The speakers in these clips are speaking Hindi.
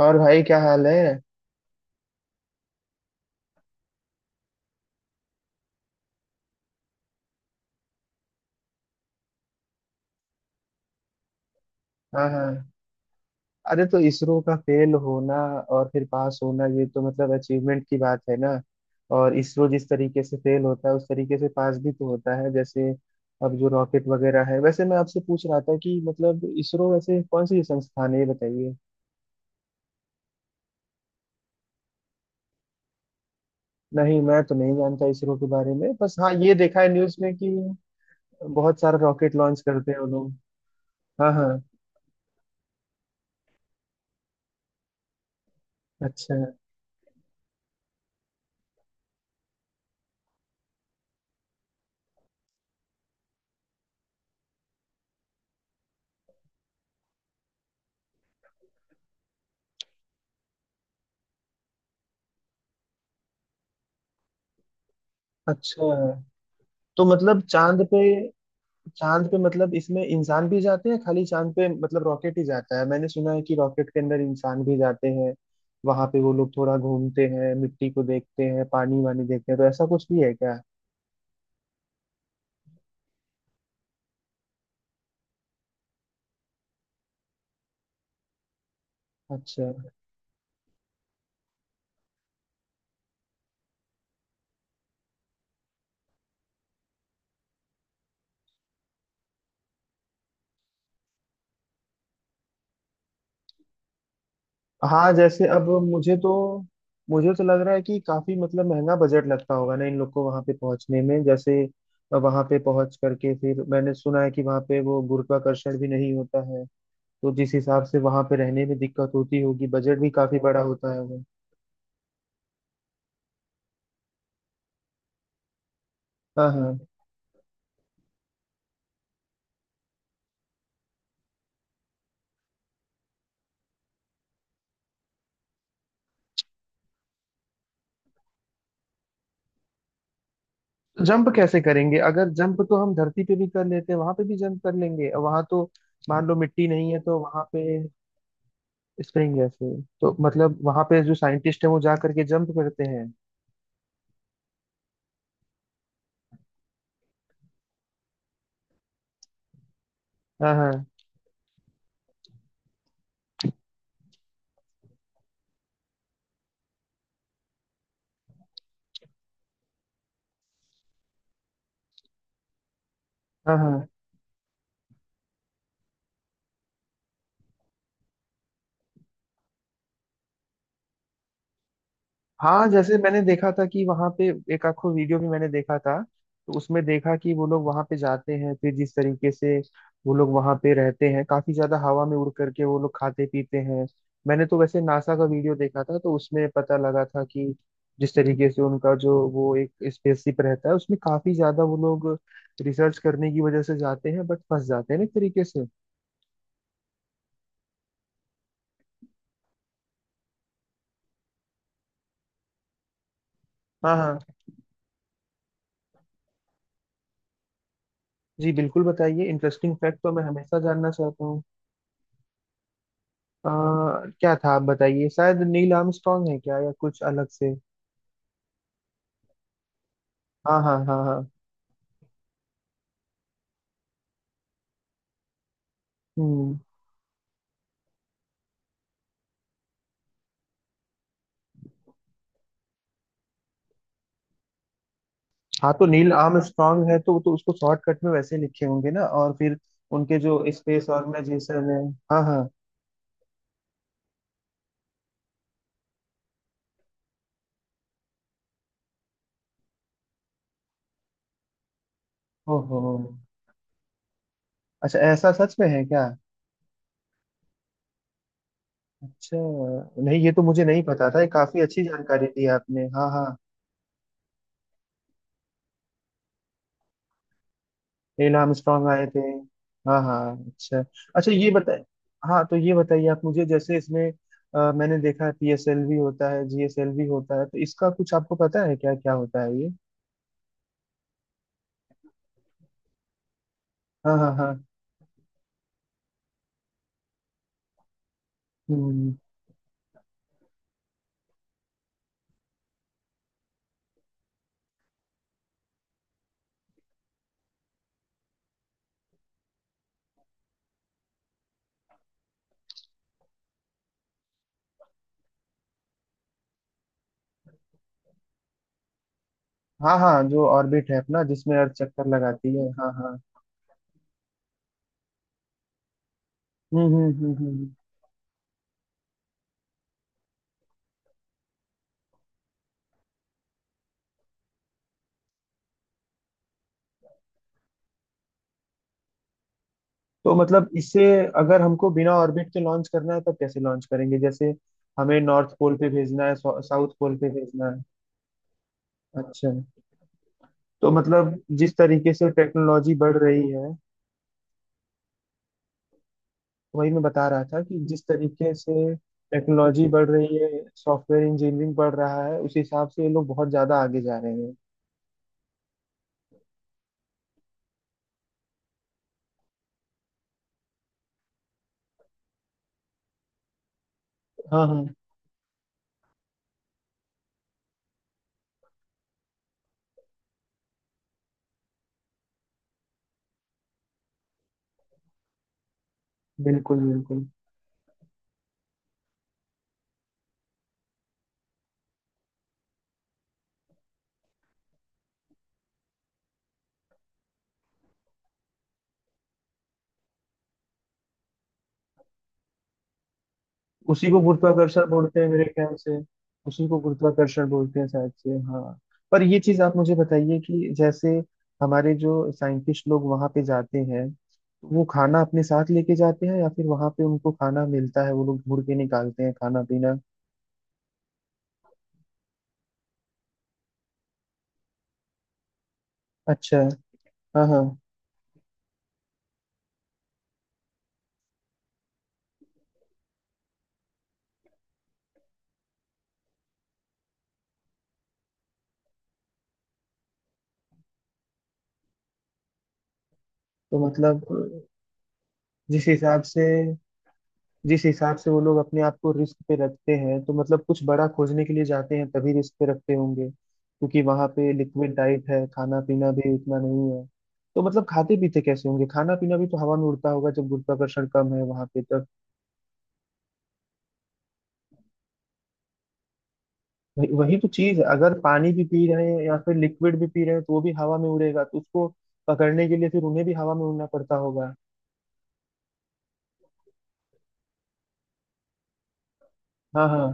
और भाई क्या हाल है। हाँ हाँ। अरे तो इसरो का फेल होना और फिर पास होना, ये तो मतलब अचीवमेंट की बात है ना। और इसरो जिस तरीके से फेल होता है उस तरीके से पास भी तो होता है। जैसे अब जो रॉकेट वगैरह है, वैसे मैं आपसे पूछ रहा था कि मतलब इसरो वैसे कौन सी संस्थान है ये बताइए। नहीं मैं तो नहीं जानता इसरो के बारे में, बस हाँ ये देखा है न्यूज़ में कि बहुत सारा रॉकेट लॉन्च करते हैं वो लोग। हाँ हाँ। अच्छा। अच्छा, तो मतलब चांद पे, चांद पे मतलब इसमें इंसान भी जाते हैं? खाली चांद पे मतलब रॉकेट ही जाता है? मैंने सुना है कि रॉकेट के अंदर इंसान भी जाते हैं वहां पे। वो लोग थोड़ा घूमते हैं, मिट्टी को देखते हैं, पानी वानी देखते हैं, तो ऐसा कुछ भी है क्या? अच्छा। हाँ जैसे, अब मुझे तो लग रहा है कि काफी मतलब महंगा बजट लगता होगा ना इन लोग को वहां पे पहुंचने में। जैसे वहां पे पहुंच करके फिर मैंने सुना है कि वहां पे वो गुरुत्वाकर्षण भी नहीं होता है। तो जिस हिसाब से वहां पे रहने में दिक्कत होती होगी, बजट भी काफी बड़ा होता है वो। हाँ हाँ। जंप कैसे करेंगे? अगर जंप तो हम धरती पे भी कर लेते हैं, वहां पे भी जंप कर लेंगे वहां तो। मान लो मिट्टी नहीं है तो वहां पे। स्प्रिंग है फिर? तो मतलब वहां पे जो साइंटिस्ट है वो जा करके जंप करते हैं? हाँ हाँ हाँ हाँ। हाँ जैसे मैंने देखा था कि वहां पे एक आखो वीडियो भी मैंने देखा था, तो उसमें देखा कि वो लोग वहां पे जाते हैं, फिर जिस तरीके से वो लोग वहां पे रहते हैं, काफी ज्यादा हवा में उड़ करके वो लोग खाते पीते हैं। मैंने तो वैसे नासा का वीडियो देखा था तो उसमें पता लगा था कि जिस तरीके से उनका जो वो एक स्पेसशिप रहता है उसमें काफी ज्यादा वो लोग रिसर्च करने की वजह से जाते हैं, बट फंस जाते हैं ना एक तरीके से। हाँ हाँ। जी बिल्कुल बताइए, इंटरेस्टिंग फैक्ट तो मैं हमेशा जानना चाहता हूँ। अ, क्या था आप बताइए, शायद नील आर्मस्ट्रांग है क्या या कुछ अलग से। हाँ हाँ हाँ हाँ। हम्म। हाँ तो नील आर्मस्ट्रांग है तो उसको शॉर्टकट में वैसे लिखे होंगे ना, और फिर उनके जो स्पेस ऑर्गेनाइजेशन है। हाँ हाँ। ओहो। अच्छा, ऐसा सच में है क्या? अच्छा। नहीं ये तो मुझे नहीं पता था, ये काफी अच्छी जानकारी दी आपने। हाँ हाँ। नील आर्मस्ट्रॉन्ग आए थे। हाँ हाँ। अच्छा। अच्छा ये बताए। हाँ तो ये बताइए आप मुझे, जैसे इसमें मैंने देखा है पीएसएलवी होता है जीएसएलवी होता है, तो इसका कुछ आपको पता है क्या क्या होता है ये? हाँ हाँ हाँ। हम्म। हाँ हाँ, जो ऑर्बिट है अपना जिसमें अर्थ चक्कर लगाती है, हाँ हाँ। हम्म हम्म हम्म हम्म। तो मतलब इसे अगर हमको बिना ऑर्बिट के लॉन्च करना है तब कैसे लॉन्च करेंगे? जैसे हमें नॉर्थ पोल पे भेजना है, साउथ पोल पे भेजना है। अच्छा। तो मतलब जिस तरीके से टेक्नोलॉजी बढ़ रही है, वही मैं बता रहा था कि जिस तरीके से टेक्नोलॉजी बढ़ रही है, सॉफ्टवेयर इंजीनियरिंग बढ़ रहा है, उस हिसाब से ये लोग बहुत ज्यादा आगे जा रहे हैं। हाँ हाँ। बिल्कुल बिल्कुल। उसी को गुरुत्वाकर्षण बोलते हैं मेरे ख्याल से। उसी को गुरुत्वाकर्षण बोलते हैं शायद से, हाँ। पर ये चीज आप मुझे बताइए कि जैसे हमारे जो साइंटिस्ट लोग वहां पे जाते हैं, वो खाना अपने साथ लेके जाते हैं या फिर वहां पे उनको खाना मिलता है? वो लोग घूर के निकालते हैं खाना पीना? अच्छा। हाँ हाँ। तो मतलब जिस हिसाब से जिस हिसाब से वो लोग अपने आप को रिस्क पे रखते हैं, तो मतलब कुछ बड़ा खोजने के लिए जाते हैं तभी रिस्क पे रखते होंगे, क्योंकि वहां पे लिक्विड डाइट है, खाना पीना भी उतना नहीं है। तो मतलब खाते पीते कैसे होंगे? खाना पीना भी तो हवा में उड़ता होगा जब गुरुत्वाकर्षण कम है वहां पे तब। वही तो चीज है, अगर पानी भी पी रहे हैं या फिर लिक्विड भी पी रहे हैं तो वो भी हवा में उड़ेगा, तो उसको पकड़ने के लिए फिर उन्हें भी हवा में उड़ना पड़ता होगा। हाँ हाँ।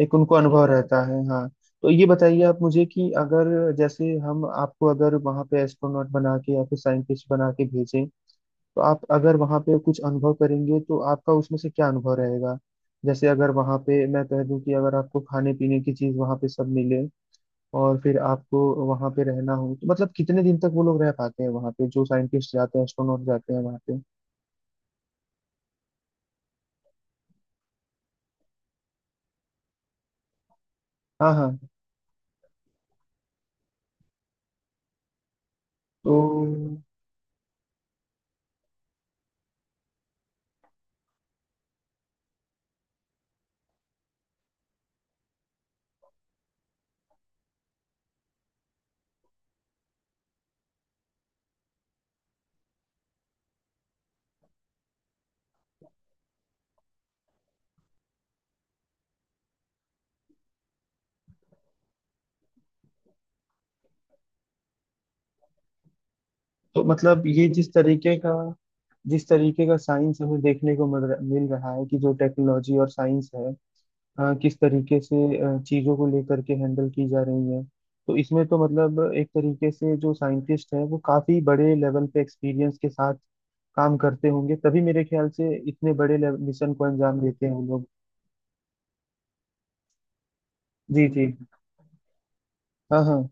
एक उनको अनुभव रहता है, हाँ। तो ये बताइए आप मुझे कि अगर जैसे हम आपको अगर वहाँ पे एस्ट्रोनॉट बना के या फिर साइंटिस्ट बना के भेजें, तो आप अगर वहाँ पे कुछ अनुभव करेंगे तो आपका उसमें से क्या अनुभव रहेगा? जैसे अगर वहाँ पे मैं कह दूँ कि अगर आपको खाने पीने की चीज़ वहाँ पे सब मिले और फिर आपको वहाँ पे रहना हो, तो मतलब कितने दिन तक वो लोग रह पाते हैं वहाँ पे? जो साइंटिस्ट जाते हैं, एस्ट्रोनॉट जाते हैं वहाँ पे। हाँ हाँ। तो तो मतलब ये जिस तरीके का, जिस तरीके का साइंस हमें देखने को मिल रहा है कि जो टेक्नोलॉजी और साइंस है, किस तरीके से चीजों को लेकर के हैंडल की जा रही है, तो इसमें तो मतलब एक तरीके से जो साइंटिस्ट है वो काफी बड़े लेवल पे एक्सपीरियंस के साथ काम करते होंगे, तभी मेरे ख्याल से इतने बड़े मिशन को अंजाम देते हैं वो लोग। जी जी। हाँ हाँ।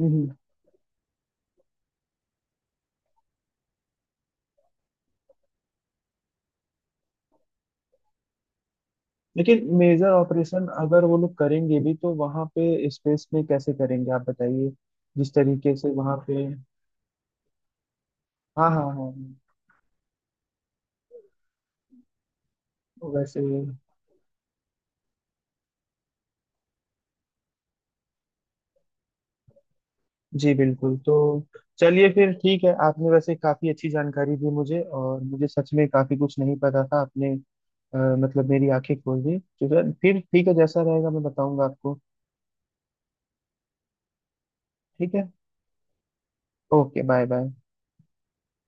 हम्म। लेकिन मेजर ऑपरेशन अगर वो लोग करेंगे भी तो वहां पे स्पेस में कैसे करेंगे आप बताइए? जिस तरीके से वहां पे। हाँ हाँ हाँ हाँ। वैसे। जी बिल्कुल। तो चलिए फिर ठीक है, आपने वैसे काफी अच्छी जानकारी दी मुझे, और मुझे सच में काफी कुछ नहीं पता था आपने। मतलब मेरी आंखें खोल दी, तो फिर ठीक है, जैसा रहेगा मैं बताऊंगा आपको। ठीक है। Okay bye bye.